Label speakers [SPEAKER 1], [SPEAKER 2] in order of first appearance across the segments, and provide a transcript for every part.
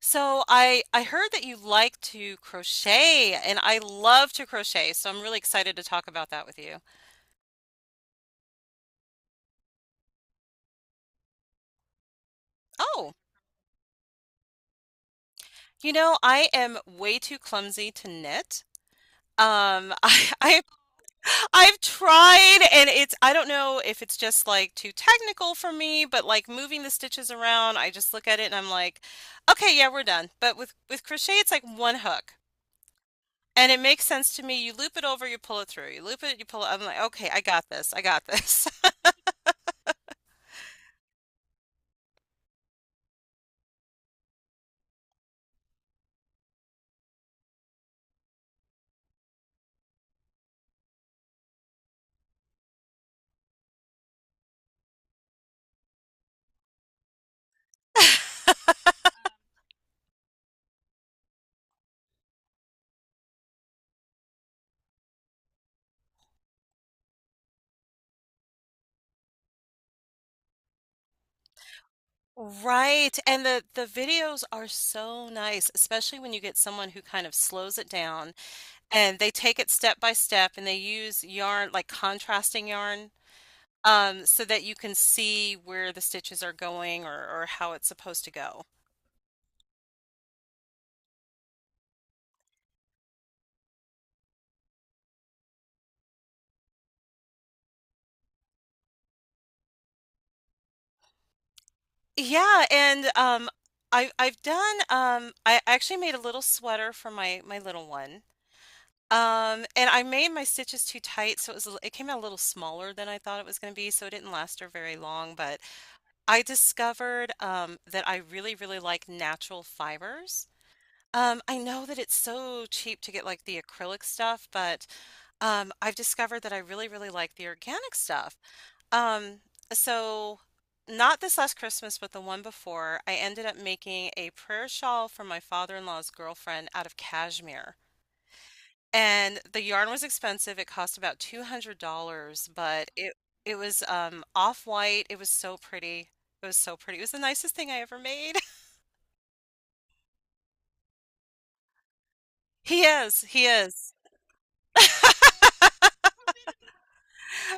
[SPEAKER 1] So I heard that you like to crochet and I love to crochet, so I'm really excited to talk about that with you. Oh, I am way too clumsy to knit. Um, I, I I've tried and it's I don't know if it's just like too technical for me, but like moving the stitches around, I just look at it and I'm like, okay, yeah, we're done. But with crochet, it's like one hook. And it makes sense to me. You loop it over, you pull it through. You loop it, you pull it. I'm like, okay, I got this. I got this. Right, and the videos are so nice, especially when you get someone who kind of slows it down and they take it step by step and they use yarn, like contrasting yarn, so that you can see where the stitches are going or how it's supposed to go. Yeah, and I've done I actually made a little sweater for my little one. And I made my stitches too tight, so it was it came out a little smaller than I thought it was going to be, so it didn't last her very long, but I discovered that I really, really like natural fibers. I know that it's so cheap to get like the acrylic stuff, but I've discovered that I really, really like the organic stuff. Um, so, Not this last Christmas, but the one before, I ended up making a prayer shawl for my father-in-law's girlfriend out of cashmere. And the yarn was expensive. It cost about $200, but it was off-white. It was so pretty. It was so pretty. It was the nicest thing I ever made. He is. He is.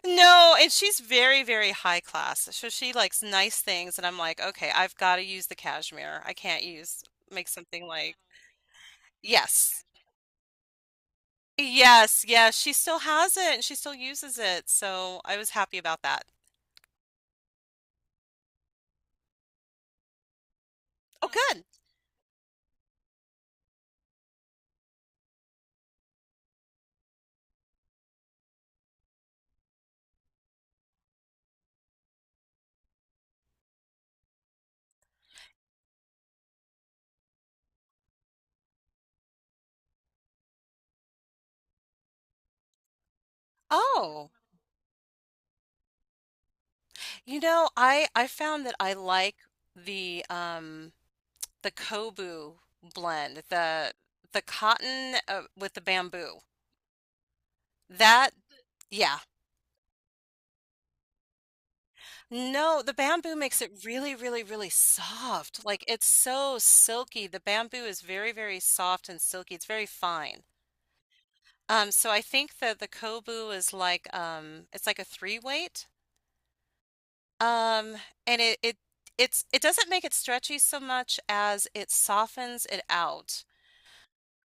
[SPEAKER 1] No, and she's very, very high class. So she likes nice things, and I'm like, okay, I've got to use the cashmere. I can't use make something like yes. Yes, yes, she still has it and she still uses it. So I was happy about that. Oh, good. Oh. You know, I found that I like the um the Kobu blend, the cotton with the bamboo. That yeah. No, the bamboo makes it really really really soft. Like it's so silky. The bamboo is very very soft and silky. It's very fine. So I think that the Kobu is like it's like a three weight. Um and it it it's it doesn't make it stretchy so much as it softens it out.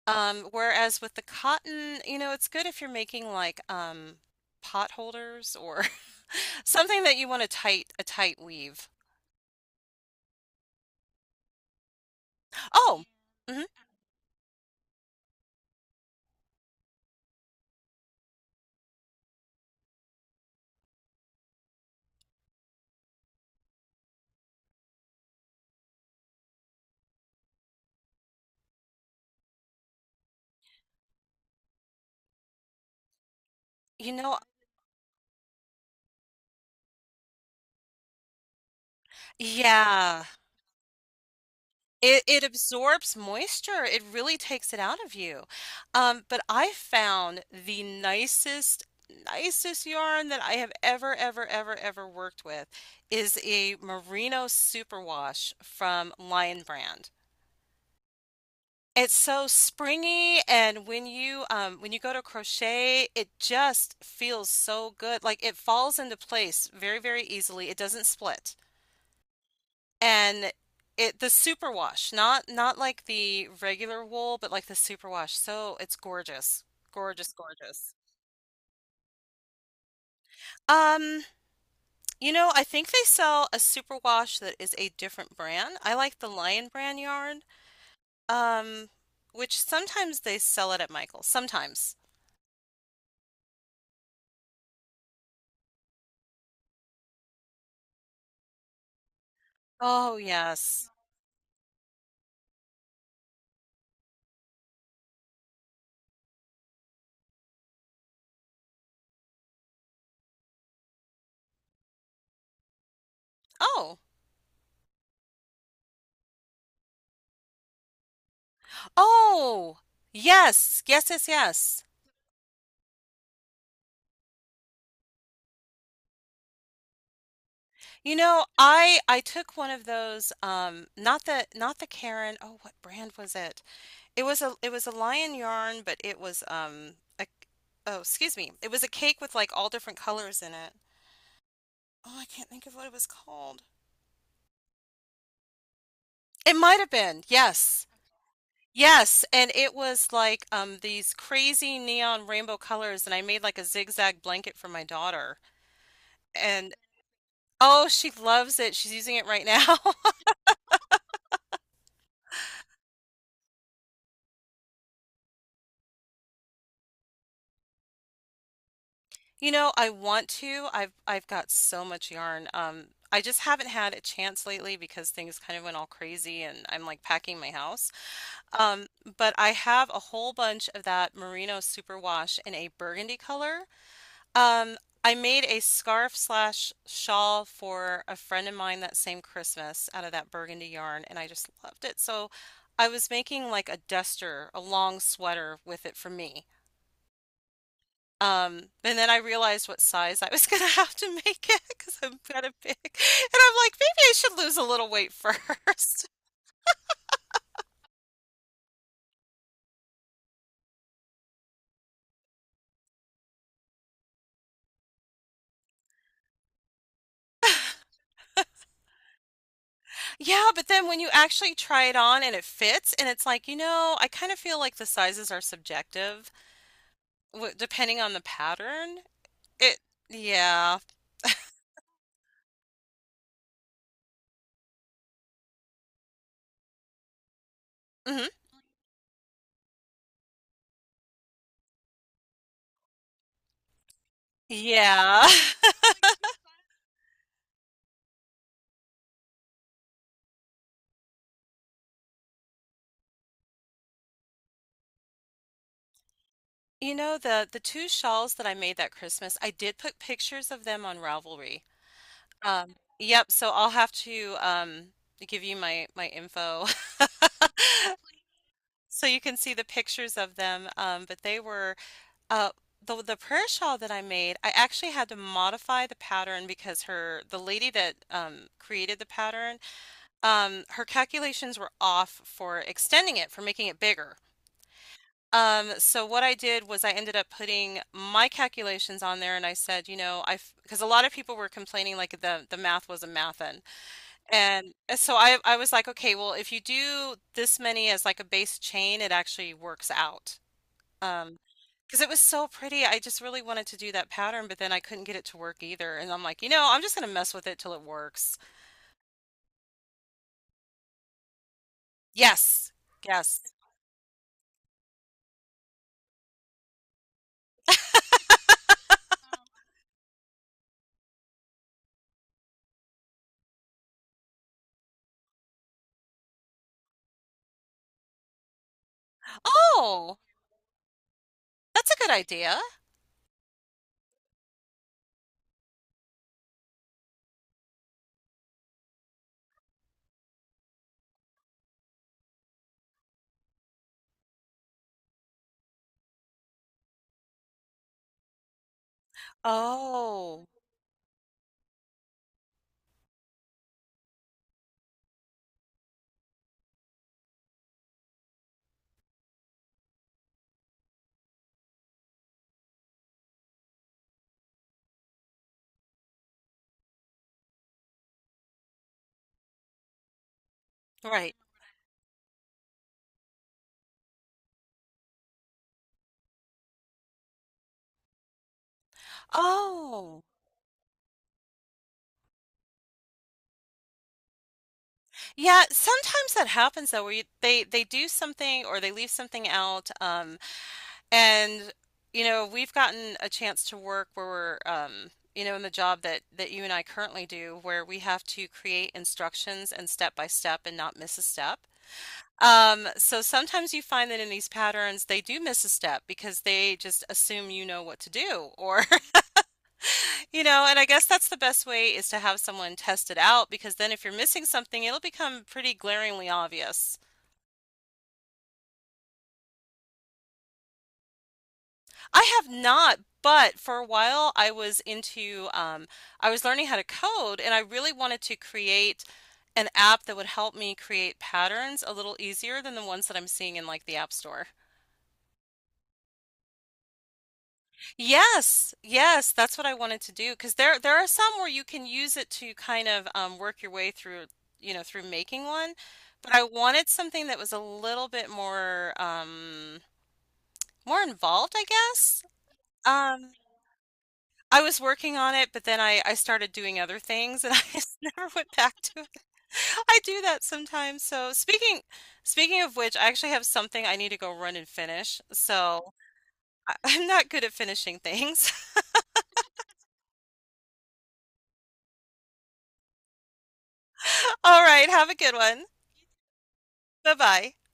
[SPEAKER 1] Whereas with the cotton, you know, it's good if you're making like pot holders or something that you want a tight weave. Oh, mhm. You know, yeah. It it absorbs moisture. It really takes it out of you. But I found the nicest yarn that I have ever ever ever ever worked with is a Merino Superwash from Lion Brand. It's so springy, and when you go to crochet, it just feels so good. Like it falls into place very, very easily. It doesn't split. And it The superwash, not like the regular wool, but like the superwash. So it's gorgeous. Gorgeous, gorgeous. Um, you know, I think they sell a superwash that is a different brand. I like the Lion brand yarn, um, which sometimes they sell it at Michael's. Sometimes. Oh, yes. Oh, oh, yes, yes, yes, yes. You know, I took one of those, not the not the Karen. Oh, what brand was it? It was a lion yarn, but it was a oh, excuse me, it was a cake with like all different colors in it. Oh, I can't think of what it was called. It might have been, yes. Yes, and it was like these crazy neon rainbow colors, and I made like a zigzag blanket for my daughter. Oh, she loves it. She's using it right now. You know, I want to. I've got so much yarn. I just haven't had a chance lately because things kind of went all crazy and I'm like packing my house. Um, but I have a whole bunch of that merino superwash in a burgundy color. Um, I made a scarf slash shawl for a friend of mine that same Christmas out of that burgundy yarn, and I just loved it. So I was making like a duster, a long sweater with it for me. And then I realized what size I was gonna have to make it because I'm kind of big. And I'm like, maybe I should lose a little weight first. Yeah, but then when you actually try it on and it fits, and it's like, you know, I kind of feel like the sizes are subjective w depending on the pattern. It, yeah. hmm Yeah. You know, the two shawls that I made that Christmas, I did put pictures of them on Ravelry. Yep, so I'll have to give you my info. So you can see the pictures of them. But they were uh the prayer shawl that I made, I actually had to modify the pattern because her the lady that created the pattern, her calculations were off for extending it, for making it bigger. So what I did was I ended up putting my calculations on there and I said, you know, I because a lot of people were complaining like the math wasn't mathin'. And so I was like, okay, well, if you do this many as like a base chain, it actually works out. Um, because it was so pretty. I just really wanted to do that pattern, but then I couldn't get it to work either. And I'm like, you know, I'm just gonna mess with it till it works. Yes. Yes. Oh, that's a good idea. Oh, right. Oh. Yeah, sometimes that happens though, they do something or they leave something out. And, you know, we've gotten a chance to work where we're, you know, in the job that that you and I currently do, where we have to create instructions and step by step and not miss a step. So sometimes you find that in these patterns they do miss a step because they just assume you know what to do or you know, and I guess that's the best way is to have someone test it out because then if you're missing something, it'll become pretty glaringly obvious. I have not, but for a while I was into I was learning how to code and I really wanted to create an app that would help me create patterns a little easier than the ones that I'm seeing in like the App Store. Yes, yes, that's what I wanted to do because there are some where you can use it to kind of work your way through, you know, through making one, but I wanted something that was a little bit more more involved, I guess. Um. I was working on it, but then I started doing other things and I just never went back to it. I do that sometimes. So speaking of which, I actually have something I need to go run and finish. So I'm not good at finishing things. All right, have a good one. Bye-bye.